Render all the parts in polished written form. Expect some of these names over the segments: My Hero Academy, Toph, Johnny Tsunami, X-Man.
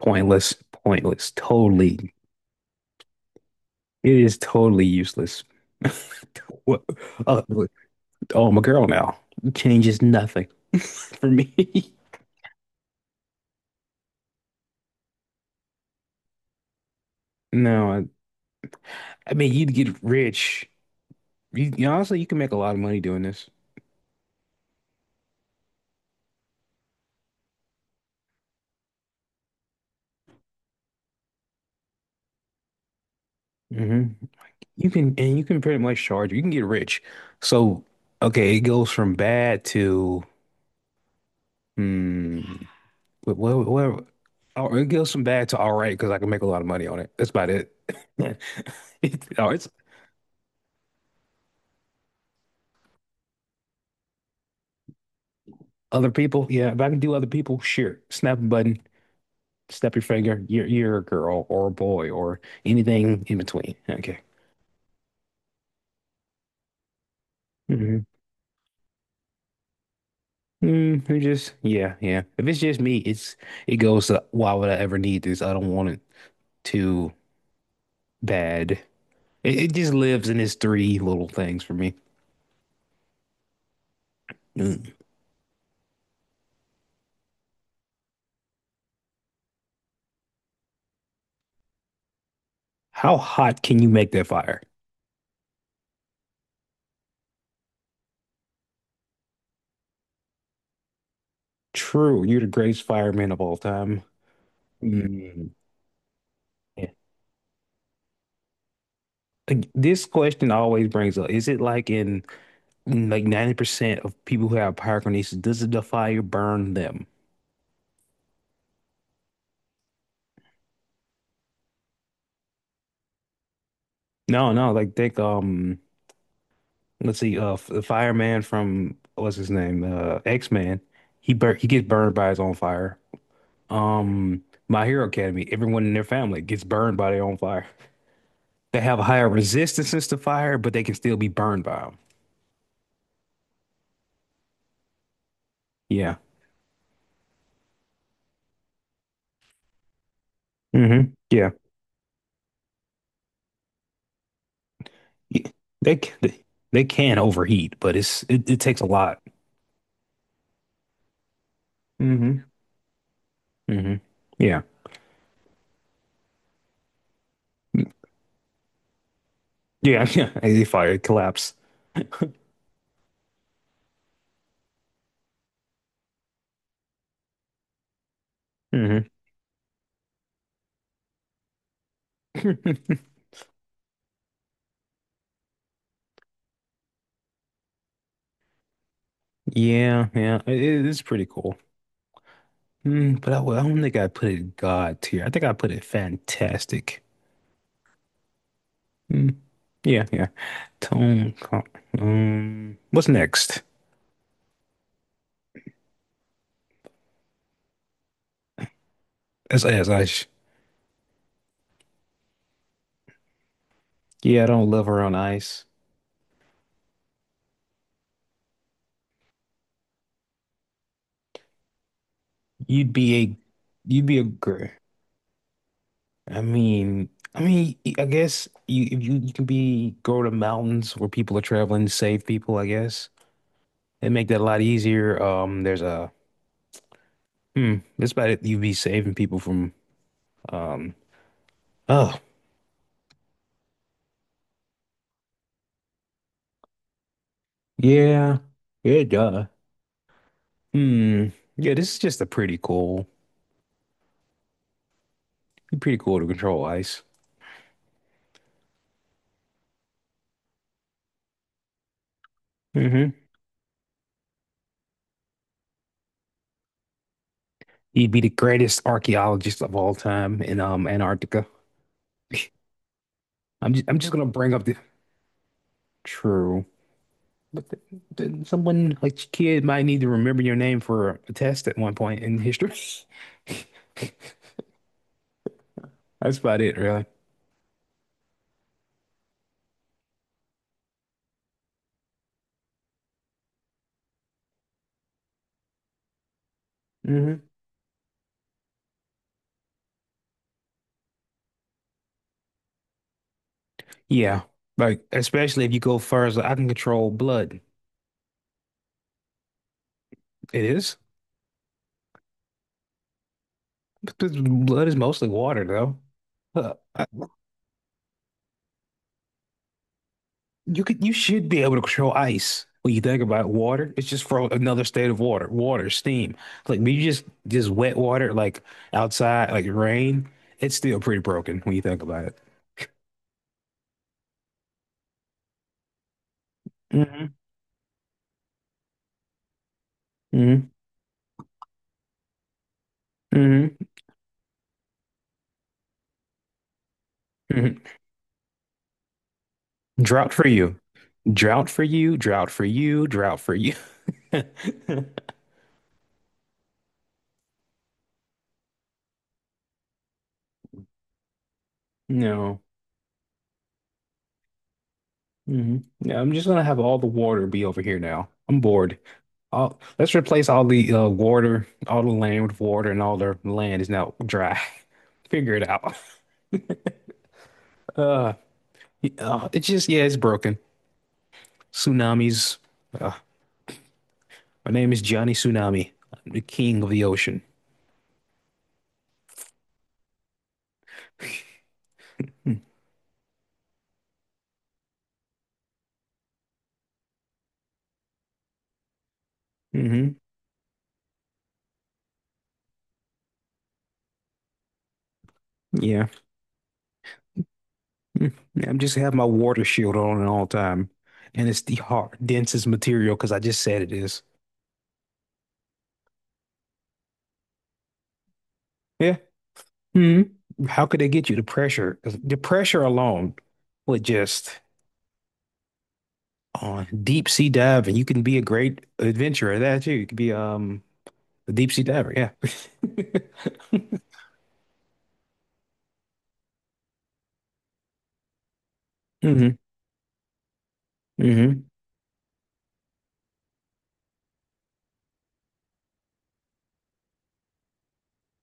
Pointless, pointless, totally. It is totally useless. What? Oh, oh, I'm a girl now. It changes nothing for me. No, I mean you'd get rich. You honestly, you can make a lot of money doing this. hmm You can, and you can pretty much charge. You can get rich. So, okay, it goes from bad to hmm. What? What? Oh, it goes from bad to all right because I can make a lot of money on it. That's about it. It's, oh, it's Other people, yeah. If I can do other people, sure. Snap a button, snap your finger. You're a girl or a boy or anything in between. Okay. Mm-hmm. It just yeah, yeah. If it's just me, it's it goes to why would I ever need this? I don't want it too bad. It just lives in its three little things for me. Mm. How hot can you make that fire? True, you're the greatest fireman of all time. Mm. Yeah. This question always brings up, is it like like 90% of people who have pyrokinesis, does the fire burn them? No, no, like think let's see, the fireman from what's his name? X-Man. He gets burned by his own fire. Um My Hero Academy, everyone in their family gets burned by their own fire. They have higher resistances to fire, but they can still be burned by them. Yeah. Yeah. Y- They c- they they can overheat, but it takes a lot. Mm-hmm. hmm Yeah. Yeah, yeah. Fire collapse. hmm Yeah, yeah, it is pretty cool. I don't think I put it God tier. I think I put it fantastic. Mm, yeah, yeah. Tone. co- what's next? As ice. Yeah, I don't love her on ice. You'd be a, you'd be a girl. I mean, I mean, I guess you if you you can be go to mountains where people are traveling, save people. I guess and make that a lot easier. There's a hmm. That's about it. You'd be saving people from. Um, oh, yeah, yeah, duh. Hmm. Yeah, this is just a pretty cool, pretty cool to control ice. hmm He'd be the greatest archaeologist of all time in Antarctica. I'm just gonna bring up the true, but th th someone like your kid might need to remember your name for a test at one point in history. That's about it, really. hmm Yeah, like especially if you go further, I can control blood. It is. But the blood is mostly water, though. Uh, I- you could, you should be able to control ice. When you think about water, it's just for another state of water, water, steam. Like when you just wet water, like outside, like rain. It's still pretty broken when you think about it. hmm hmm hmm hmm Drought for you, drought for you, drought for you, drought for you. No. Yeah, I'm just gonna have all the water be over here now. I'm bored. All, let's replace all the water, all the land with water, and all the land is now dry. Figure it out. Uh, it's just yeah, it's broken. Tsunamis. Uh, my name is Johnny Tsunami. I'm the king of the ocean. hmm Yeah. Mm. Yeah, I'm just have my water shield on at all time, and it's the hard, densest material because I just said it is. Yeah. hmm How could they get you the pressure? 'Cause the pressure alone would just. On deep sea dive, and you can be a great adventurer that too. You could be a deep sea diver, yeah. hmm hmm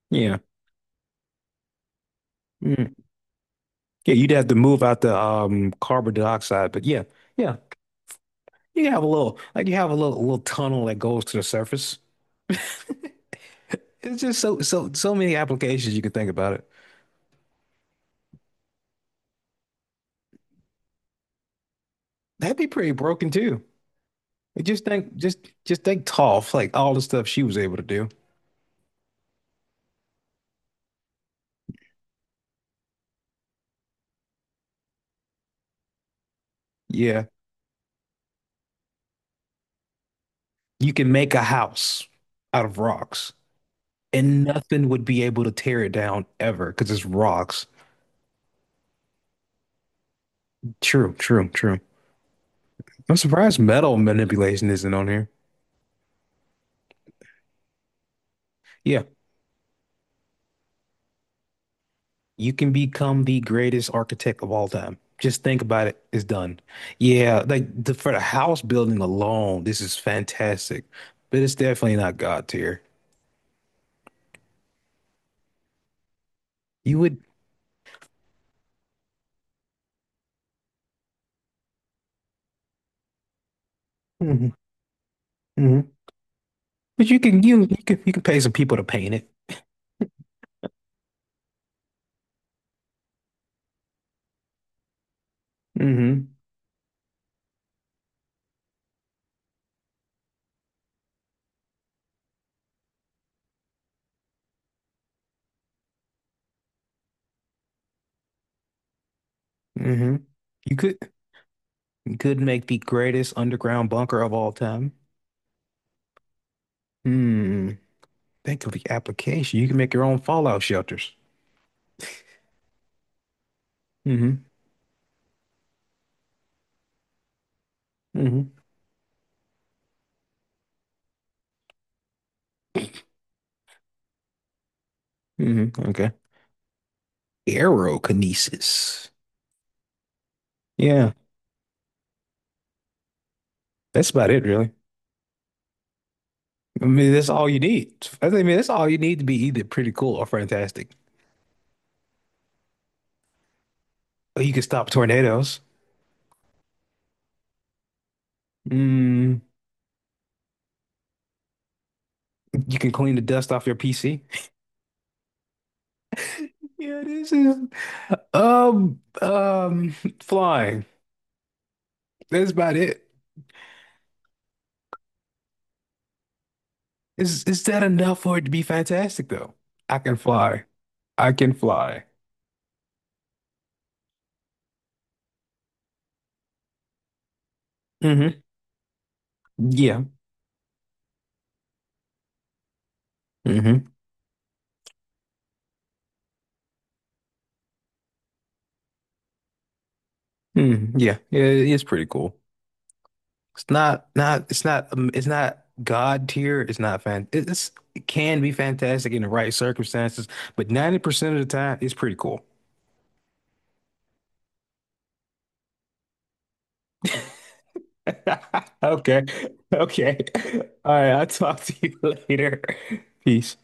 Yeah. Mhm. Yeah, you'd have to move out the carbon dioxide, but yeah, yeah. You have a little like you have a little tunnel that goes to the surface. It's just so so so many applications you could think about it. That'd be pretty broken too. Like, Just think just just think Toph, like all the stuff she was able to do. Yeah. You can make a house out of rocks. And nothing would be able to tear it down ever because it's rocks. True, true, true. I'm surprised metal manipulation isn't on here. Yeah, you can become the greatest architect of all time. Just think about it. It's done. Yeah, like for the house building alone, this is fantastic. But it's definitely not God tier. You would, hmm hmm But you can you you can pay some people to paint it. hmm hmm You could you could make the greatest underground bunker of all time. Hmm. Think of the application. You can make your own fallout shelters. Mm-hmm. Mm-hmm. Mm-hmm. Okay. Aerokinesis. Yeah, that's about it, really. I mean, that's all you need. I mean, that's all you need to be either pretty cool or fantastic. Or you can stop tornadoes. Mm, you can clean the dust off your PC. Yeah, this is flying. That's about it. Is that enough for it to be fantastic though? I can fly. I can fly. Mm-hmm. Yeah. hmm Mm, yeah, yeah, it is pretty cool. It's not God tier. It's not fan. It- It's, it can be fantastic in the right circumstances, but 90% of the time, it's pretty cool. Okay. Okay. All right. I'll talk to you later. Peace.